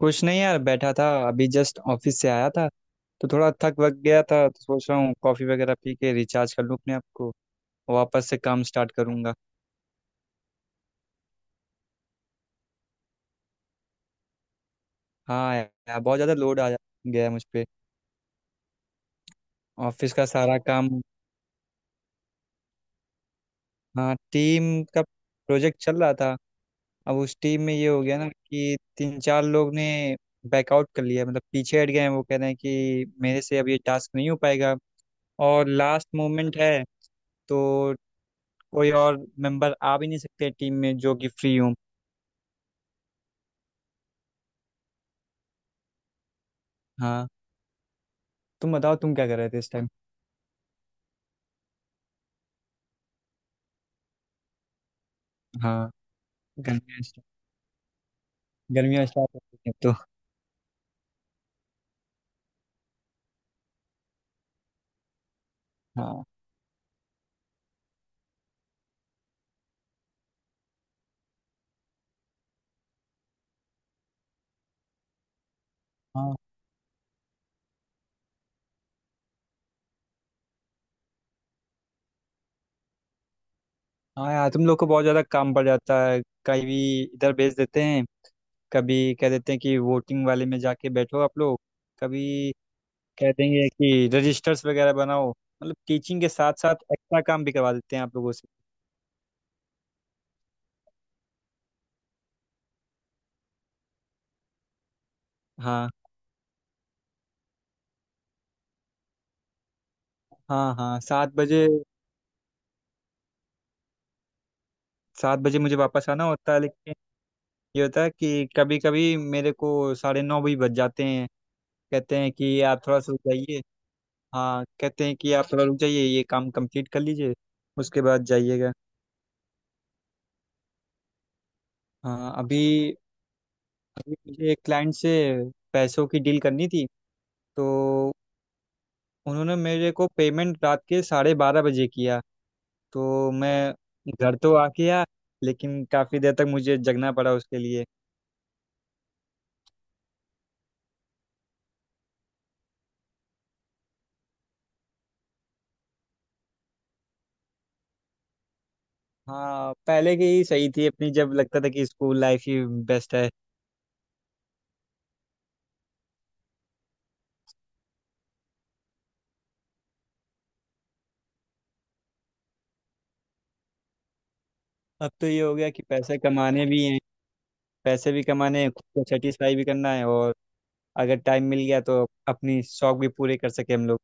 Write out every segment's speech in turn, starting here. कुछ नहीं यार, बैठा था। अभी जस्ट ऑफिस से आया था तो थोड़ा थक वक गया था। तो सोच रहा हूँ कॉफ़ी वगैरह पी के रिचार्ज कर लूँ अपने आप को। वापस से काम स्टार्ट करूँगा। हाँ यार, बहुत ज़्यादा लोड आ गया है मुझ पे। ऑफिस का सारा काम। हाँ, टीम का प्रोजेक्ट चल रहा था। अब उस टीम में ये हो गया ना कि तीन चार लोग ने बैकआउट कर लिया, मतलब पीछे हट गए हैं। वो कह रहे हैं कि मेरे से अब ये टास्क नहीं हो पाएगा, और लास्ट मोमेंट है। तो कोई और मेंबर आ भी नहीं सकते टीम में जो कि फ्री हो। हाँ। तुम बताओ तुम क्या कर रहे थे इस टाइम। हाँ, गर्मियाँ स्टा- गर्मियाँ स्टार्ट हो गई हैं तो। हाँ, हाँ। हाँ यार, तुम लोग को बहुत ज़्यादा काम पड़ जाता है। कभी इधर भेज देते हैं, कभी कह देते हैं कि वोटिंग वाले में जाके बैठो आप लोग, कभी कह देंगे कि रजिस्टर्स वगैरह बनाओ। मतलब टीचिंग के साथ साथ एक्स्ट्रा काम भी करवा देते हैं आप लोगों से। हाँ, हाँ। हाँ, 7 बजे। 7 बजे मुझे वापस आना होता है, लेकिन ये होता है कि कभी कभी मेरे को 9:30 भी बज जाते हैं। कहते हैं कि आप थोड़ा सा जाइए। हाँ, कहते हैं कि आप थोड़ा रुक जाइए, ये काम कंप्लीट कर लीजिए, उसके बाद जाइएगा। हाँ। अभी अभी मुझे एक क्लाइंट से पैसों की डील करनी थी। तो उन्होंने मेरे को पेमेंट रात के 12:30 बजे किया। तो मैं घर तो आ गया, लेकिन काफ़ी देर तक मुझे जगना पड़ा उसके लिए। हाँ, पहले की ही सही थी अपनी, जब लगता था कि स्कूल लाइफ ही बेस्ट है। अब तो ये हो गया कि पैसे कमाने भी हैं। पैसे भी कमाने हैं, खुद को सेटिस्फाई भी करना है, और अगर टाइम मिल गया तो अपनी शौक भी पूरे कर सके हम लोग।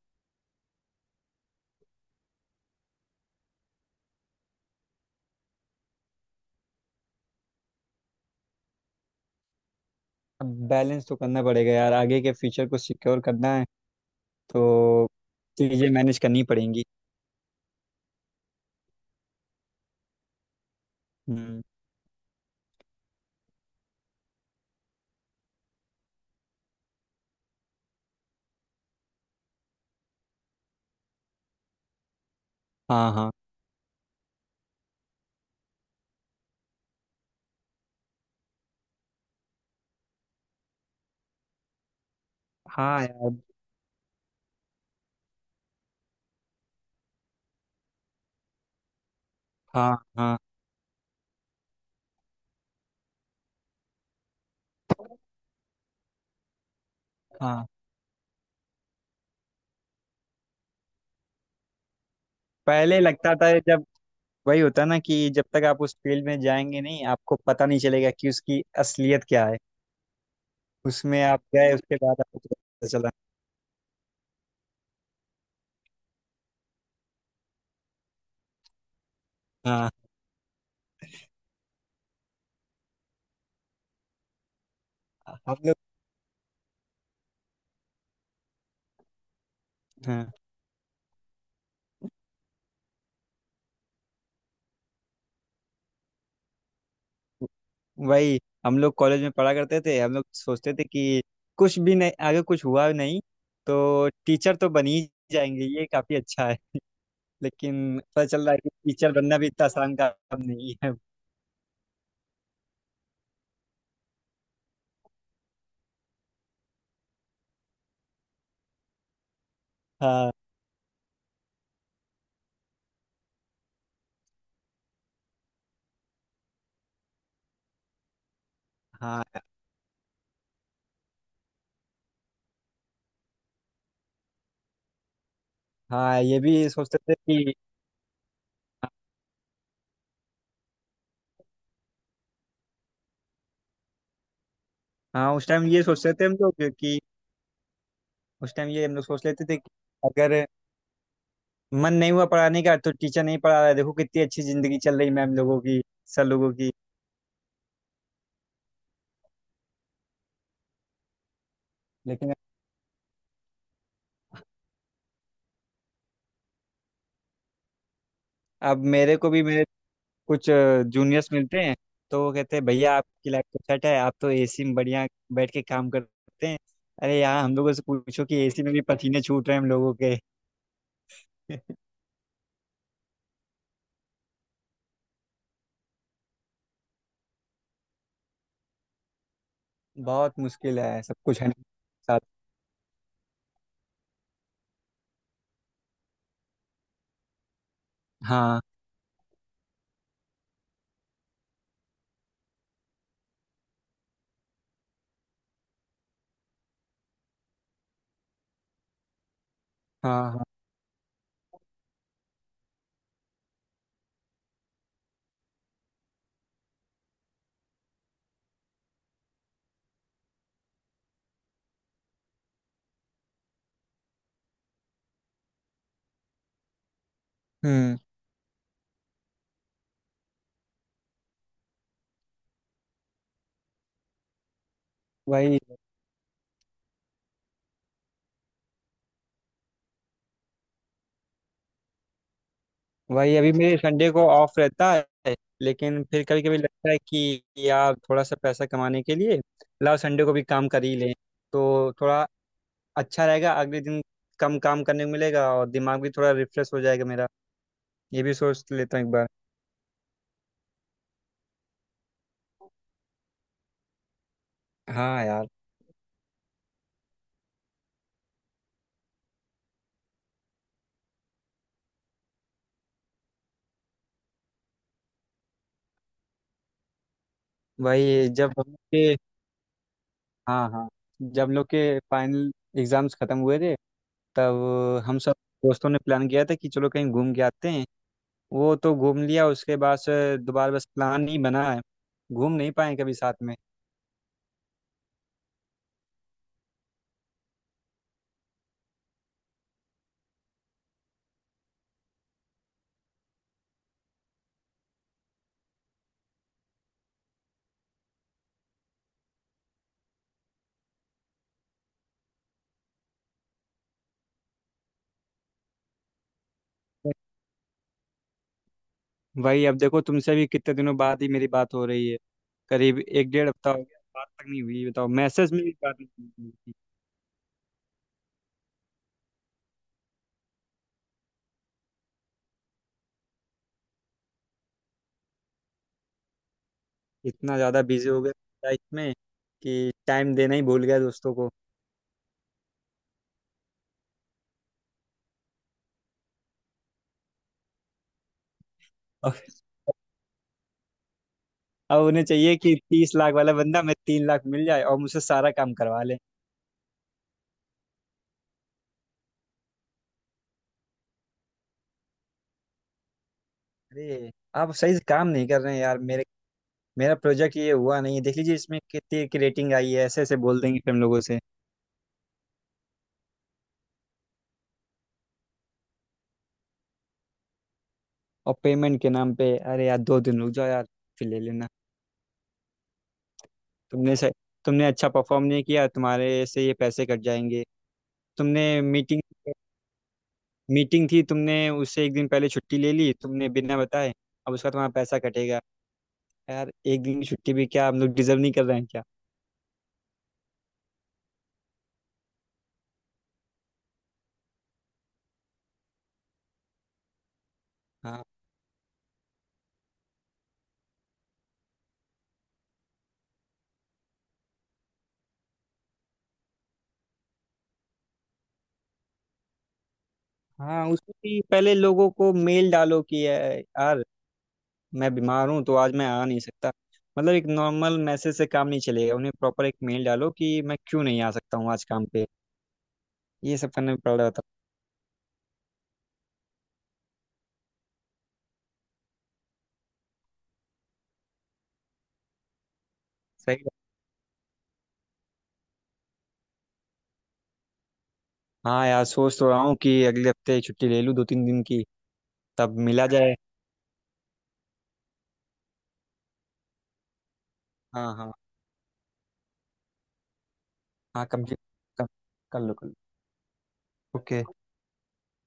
अब बैलेंस तो करना पड़ेगा यार, आगे के फ्यूचर को सिक्योर करना है। तो चीज़ें मैनेज करनी पड़ेंगी। हम्म। हाँ, हाँ। हाँ यार। हाँ, हाँ। हाँ, पहले लगता था जब, वही होता ना कि जब तक आप उस फील्ड में जाएंगे नहीं, आपको पता नहीं चलेगा कि उसकी असलियत क्या है। उसमें आप गए, उसके बाद आपको पता चला। हाँ। हम लोग। हाँ, वही। हम लोग कॉलेज में पढ़ा करते थे, हम लोग सोचते थे कि कुछ भी नहीं, आगे कुछ हुआ नहीं तो टीचर तो बन ही जाएंगे, ये काफी अच्छा है। लेकिन पता चल रहा है कि टीचर बनना भी इतना आसान काम नहीं है। हाँ, हाँ। हाँ, ये भी सोचते थे कि, हाँ उस टाइम ये सोचते थे हम लोग कि, उस टाइम ये हम लोग सोच लेते थे कि अगर मन नहीं हुआ पढ़ाने का तो टीचर नहीं पढ़ा रहा है। देखो कितनी अच्छी जिंदगी चल रही मैम लोगों की, सर लोगों की। लेकिन अब मेरे को भी मेरे कुछ जूनियर्स मिलते हैं, तो वो कहते हैं भैया आपकी लाइफ तो सेट है, आप तो एसी में बढ़िया बैठ के काम करते हैं। अरे यार, हम लोगों से पूछो कि एसी में भी पसीने छूट रहे हैं हम लोगों के। बहुत मुश्किल है, सब कुछ है साथ। हाँ, हाँ। हाँ। हम्म। वही, अभी मेरे संडे को ऑफ रहता है। लेकिन फिर कभी कभी लगता है कि यार थोड़ा सा पैसा कमाने के लिए लाओ संडे को भी काम कर ही लें। तो थोड़ा अच्छा रहेगा, अगले दिन कम काम करने को मिलेगा और दिमाग भी थोड़ा रिफ्रेश हो जाएगा मेरा। ये भी सोच लेता हूँ एक बार। हाँ यार। वही, जब हम लोग के हाँ, हाँ। जब हम लोग के फाइनल एग्जाम्स खत्म हुए थे, तब हम सब दोस्तों ने प्लान किया था कि चलो कहीं घूम के आते हैं। वो तो घूम लिया, उसके बाद से दोबारा बस प्लान ही बना है, घूम नहीं पाए कभी साथ में। वही, अब देखो तुमसे भी कितने दिनों बाद ही मेरी बात हो रही है। करीब एक डेढ़ हफ्ता हो गया, बात तक नहीं हुई। बताओ, मैसेज में भी बात नहीं हुई थी। इतना ज़्यादा बिजी हो गया लाइफ में कि टाइम देना ही भूल गया दोस्तों को। और अब उन्हें चाहिए कि 30 लाख वाला बंदा मैं 3 लाख मिल जाए और मुझसे सारा काम करवा ले। अरे, आप सही से काम नहीं कर रहे हैं यार। मेरे मेरा प्रोजेक्ट ये हुआ नहीं है, देख लीजिए इसमें कितनी की रेटिंग आई है। ऐसे ऐसे बोल देंगे फिर हम लोगों से। और पेमेंट के नाम पे, अरे यार 2 दिन रुक जाओ यार, फिर ले लेना। तुमने सही तुमने अच्छा परफॉर्म नहीं किया, तुम्हारे से ये पैसे कट जाएंगे। तुमने मीटिंग मीटिंग थी, तुमने उससे एक दिन पहले छुट्टी ले ली तुमने, बिना बताए। अब उसका तुम्हारा पैसा कटेगा। यार एक दिन की छुट्टी भी क्या हम लोग डिजर्व नहीं कर रहे हैं? क्या? हाँ, उसमें भी पहले लोगों को मेल डालो कि "ए, यार मैं बीमार हूँ तो आज मैं आ नहीं सकता।" मतलब एक नॉर्मल मैसेज से काम नहीं चलेगा, उन्हें प्रॉपर एक मेल डालो कि मैं क्यों नहीं आ सकता हूँ आज काम पे। ये सब करने में पड़ रहा था। सही है। हाँ यार, सोच तो रहा हूँ कि अगले हफ्ते छुट्टी ले लूँ 2-3 दिन की, तब मिला जाए। हाँ, हाँ। हाँ, कम से कम कर लो, कर लो। ओके।